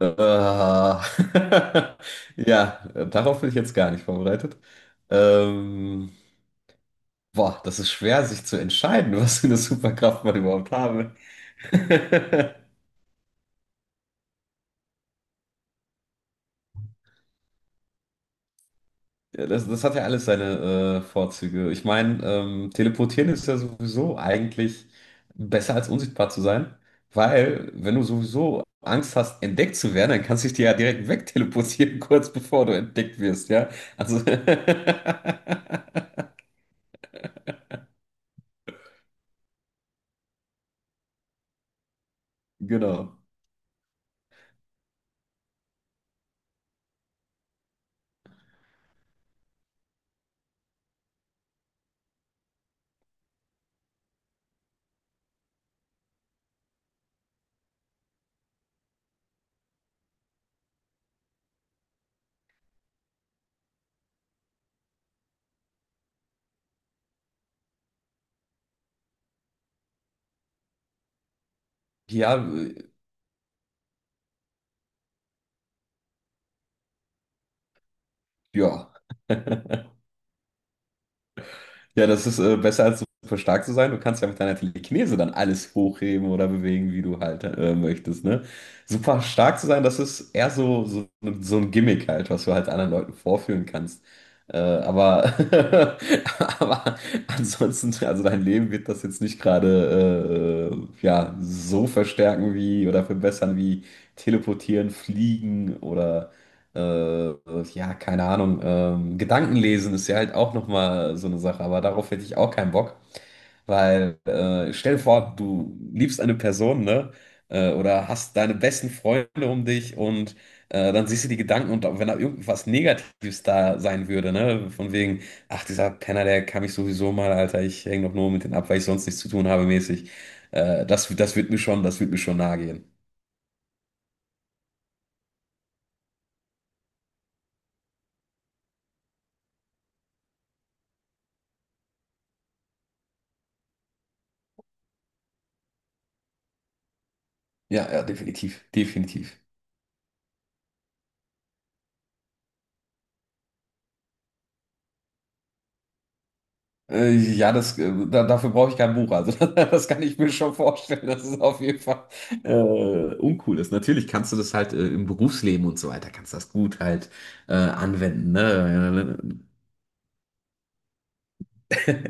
Äh, ja, darauf bin ich jetzt gar nicht vorbereitet. Ähm, Boah, das ist schwer, sich zu entscheiden, was für eine Superkraft man überhaupt habe. Ja, das hat ja alles seine Vorzüge. Ich meine, teleportieren ist ja sowieso eigentlich besser als unsichtbar zu sein, weil wenn du sowieso Angst hast, entdeckt zu werden, dann kannst du dich dir ja direkt wegteleportieren, kurz bevor du entdeckt wirst, ja? Also, genau. Ja, ja. Ja, das ist besser als super stark zu sein. Du kannst ja mit deiner Telekinese dann alles hochheben oder bewegen, wie du halt möchtest, ne? Super stark zu sein, das ist eher so ein Gimmick halt, was du halt anderen Leuten vorführen kannst. Äh, aber, aber ansonsten, also dein Leben wird das jetzt nicht gerade ja, so verstärken wie oder verbessern wie teleportieren, fliegen oder äh, ja, keine Ahnung. Gedanken lesen ist ja halt auch nochmal so eine Sache, aber darauf hätte ich auch keinen Bock, weil stell dir vor, du liebst eine Person, ne? Oder hast deine besten Freunde um dich und dann siehst du die Gedanken, und wenn da irgendwas Negatives da sein würde, ne? Von wegen, ach, dieser Penner, der kann mich sowieso mal, Alter, ich hänge doch nur mit denen ab, weil ich sonst nichts zu tun habe, mäßig. Das wird mir schon, das wird mir schon nahe gehen. Ja, ja, definitiv, definitiv. Ja, dafür brauche ich kein Buch. Also das kann ich mir schon vorstellen, dass es auf jeden Fall äh, uncool ist. Natürlich kannst du das halt im Berufsleben und so weiter, kannst du das gut halt anwenden. Ne?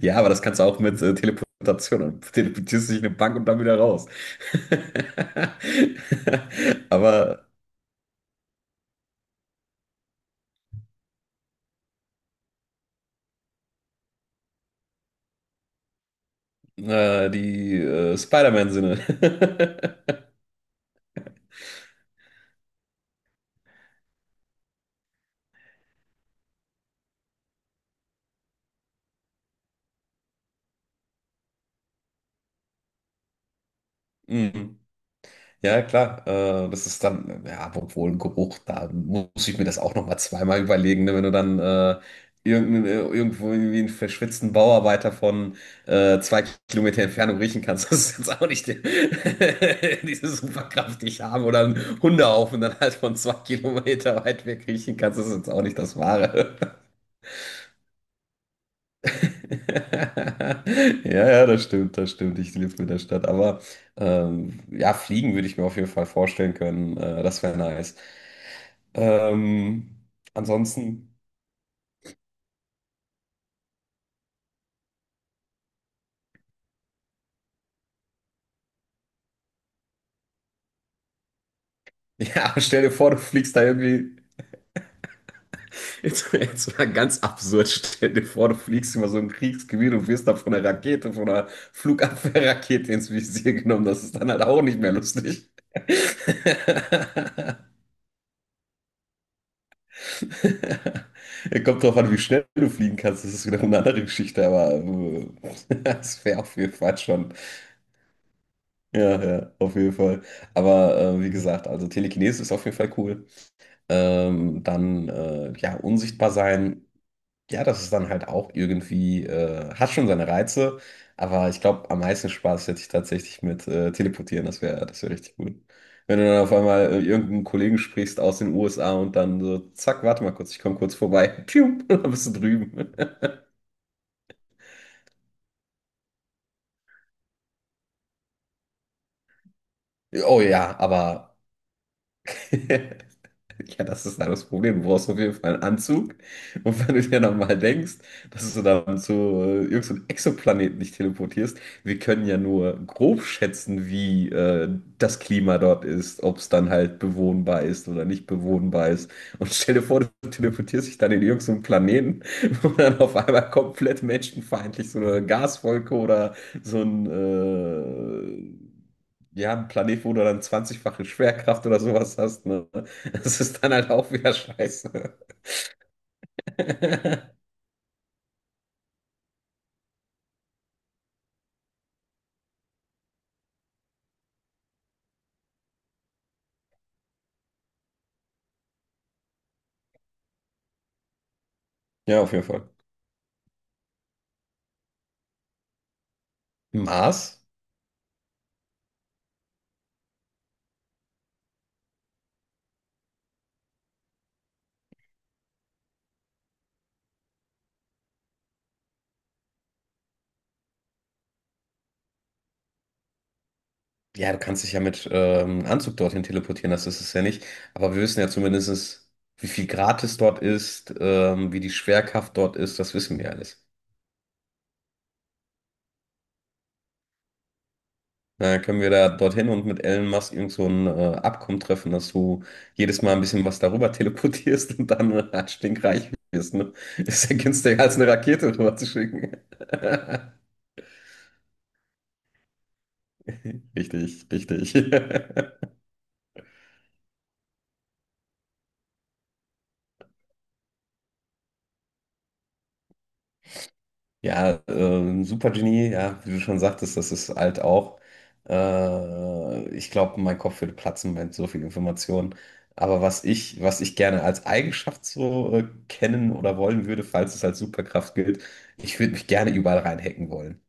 Ja, aber das kannst du auch mit Teleportation. Dann teleportierst du dich in eine Bank und dann wieder raus. Aber die Spider-Man-Sinne. Mhm. Ja, klar, das ist dann, ja, obwohl, ein Geruch, da muss ich mir das auch nochmal zweimal überlegen, ne, wenn du dann irgendwo irgendwie einen verschwitzten Bauarbeiter von 2 Kilometer Entfernung riechen kannst. Das ist jetzt auch nicht die, diese Superkraft, die ich habe, oder einen Hundehaufen dann halt von 2 Kilometer weit weg riechen kannst. Das ist jetzt auch nicht das Wahre. Ja, ja, das stimmt, das stimmt. Ich lebe in der Stadt. Aber ja, fliegen würde ich mir auf jeden Fall vorstellen können. Das wäre nice. Ähm, Ansonsten, ja, stell dir vor, du fliegst da irgendwie. Jetzt mal ganz absurd. Stell dir vor, du fliegst über so ein Kriegsgebiet und wirst da von einer Rakete, von einer Flugabwehrrakete ins Visier genommen. Das ist dann halt auch nicht mehr lustig. Kommt drauf an, wie schnell du fliegen kannst. Das ist wieder eine andere Geschichte, aber das wäre auf jeden Fall schon. Ja, ja, auf jeden Fall. Aber wie gesagt, also Telekinese ist auf jeden Fall cool. Dann, ja, unsichtbar sein. Ja, das ist dann halt auch irgendwie, hat schon seine Reize, aber ich glaube, am meisten Spaß hätte ich tatsächlich mit Teleportieren, das wäre richtig gut. Wenn du dann auf einmal irgendeinen Kollegen sprichst aus den USA und dann so, zack, warte mal kurz, ich komme kurz vorbei, pium, dann bist du drüben. Oh ja, aber. Ja, das ist halt das Problem. Du brauchst auf jeden Fall einen Anzug. Und wenn du dir dann mal denkst, dass du dann zu irgendeinem Exoplaneten dich teleportierst, wir können ja nur grob schätzen, wie das Klima dort ist, ob es dann halt bewohnbar ist oder nicht bewohnbar ist. Und stell dir vor, du teleportierst dich dann in irgendeinen Planeten, wo dann auf einmal komplett menschenfeindlich so eine Gaswolke oder so ein ja, ein Planet, wo du dann 20-fache Schwerkraft oder sowas hast, ne? Das ist dann halt auch wieder scheiße. Ja, auf jeden Fall. Mars? Ja, du kannst dich ja mit Anzug dorthin teleportieren, das ist es ja nicht. Aber wir wissen ja zumindest, wie viel Grad es dort ist, wie die Schwerkraft dort ist, das wissen wir alles. Dann können wir da dorthin und mit Elon Musk irgend so ein Abkommen treffen, dass du jedes Mal ein bisschen was darüber teleportierst und dann stinkreich wirst. Ne? Ist ja günstiger, als eine Rakete rüber zu schicken. Richtig, richtig. Ja, Supergenie, ja, wie du schon sagtest, das ist alt auch. Ich glaube, mein Kopf würde platzen mit so viel Information. Aber was ich gerne als Eigenschaft so kennen oder wollen würde, falls es als Superkraft gilt, ich würde mich gerne überall reinhacken wollen.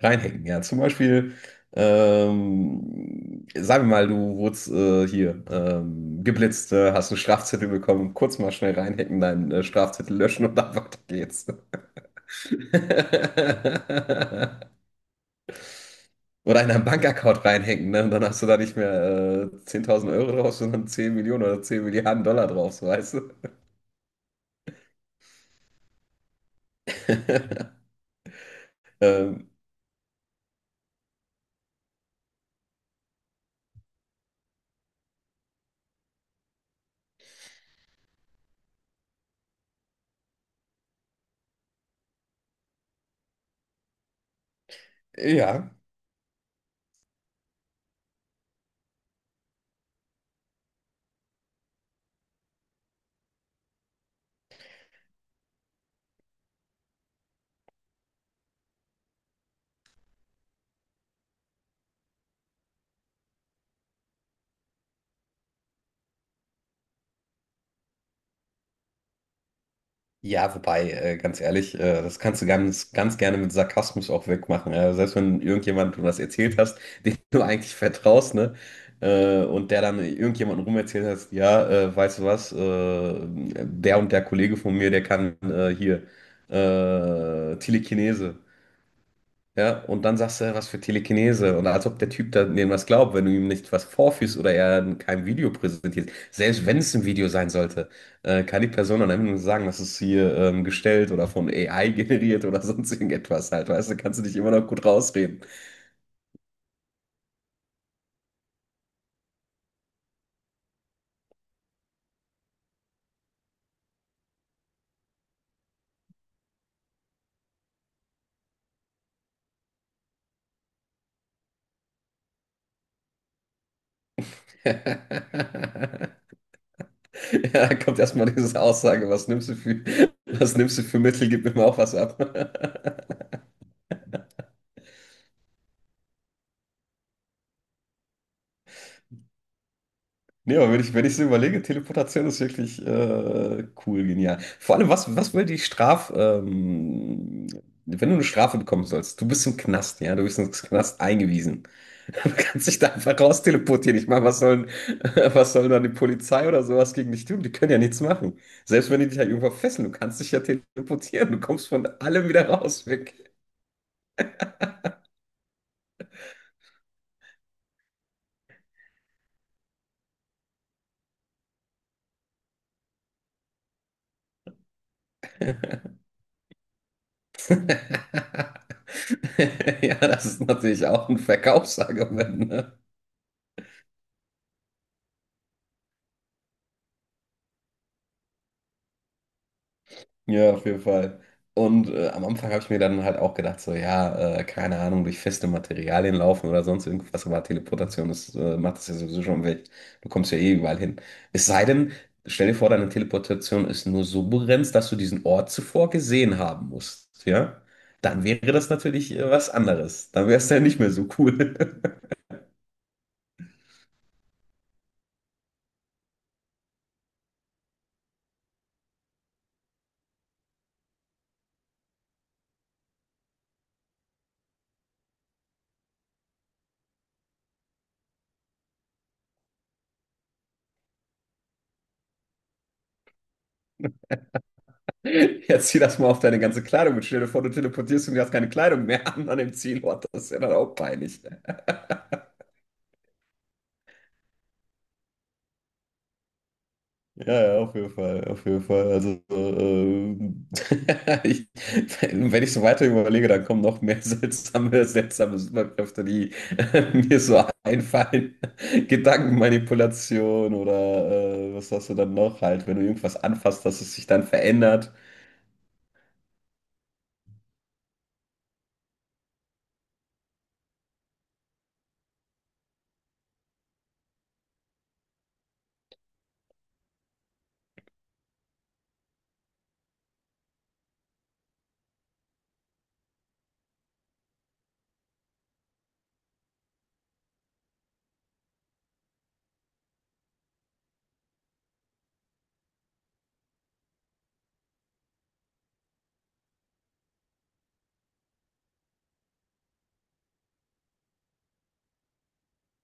Reinhacken, ja. Zum Beispiel, sagen wir mal, du wurdest hier geblitzt, hast einen Strafzettel bekommen, kurz mal schnell reinhacken, deinen Strafzettel löschen und dann weiter geht's. Oder in einen Bankaccount reinhängen, ne? Und dann hast du da nicht mehr 10.000 Euro drauf, sondern 10 Millionen oder 10 Milliarden Dollar drauf, so, weißt du. Ähm, ja. Ja, wobei, ganz ehrlich, das kannst du ganz, ganz gerne mit Sarkasmus auch wegmachen. Selbst wenn irgendjemand du was erzählt hast, dem du eigentlich vertraust, ne? Und der dann irgendjemandem rumerzählt hast, ja, weißt du was, der und der Kollege von mir, der kann hier Telekinese. Ja, und dann sagst du, ja, was für Telekinese. Und als ob der Typ da denen was glaubt, wenn du ihm nicht was vorführst oder er kein Video präsentierst. Selbst wenn es ein Video sein sollte, kann die Person dann einfach nur sagen, das ist hier gestellt oder von AI generiert oder sonst irgendetwas halt. Weißt du, kannst du dich immer noch gut rausreden. Ja, da kommt erstmal diese Aussage, was nimmst du für, was nimmst du für Mittel, gib mir mal auch was ab. Nee, aber wenn ich so überlege, Teleportation ist wirklich cool, genial. Vor allem, was will die wenn du eine Strafe bekommen sollst, du bist im Knast, ja, du bist ins Knast eingewiesen. Du kannst dich da einfach raus teleportieren. Ich meine, was sollen dann die Polizei oder sowas gegen dich tun? Die können ja nichts machen. Selbst wenn die dich halt irgendwo fesseln, du kannst dich ja teleportieren. Du kommst von allem wieder raus, weg. Ja, das ist natürlich auch ein Verkaufsargument, ne? Ja, auf jeden Fall. Und am Anfang habe ich mir dann halt auch gedacht, so, ja, keine Ahnung, durch feste Materialien laufen oder sonst irgendwas, aber Teleportation ist, macht das ja sowieso schon weg. Du kommst ja eh überall hin. Es sei denn, stell dir vor, deine Teleportation ist nur so begrenzt, dass du diesen Ort zuvor gesehen haben musst, ja? Dann wäre das natürlich was anderes. Dann wäre es ja nicht mehr so cool. Jetzt zieh das mal auf deine ganze Kleidung und stell dir vor, du teleportierst und du hast keine Kleidung mehr an dem Zielort. Das ist ja dann auch peinlich. Ja, ja, auf jeden Fall, auf jeden Fall. Also, ich, wenn ich so weiter überlege, dann kommen noch mehr seltsame, seltsame Superkräfte, die mir so einfallen. Gedankenmanipulation oder was hast du dann noch halt, wenn du irgendwas anfasst, dass es sich dann verändert.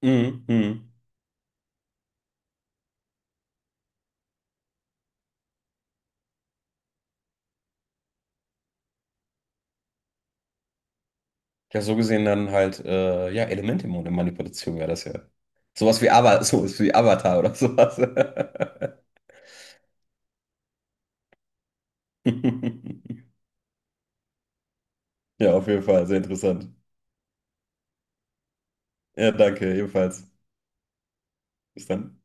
Mhm, mhm. Ja, so gesehen dann halt, ja, Elementemanipulation wäre das ja. Sowas wie Avatar oder sowas. Ja, auf jeden Fall, sehr interessant. Ja, danke, ebenfalls. Bis dann.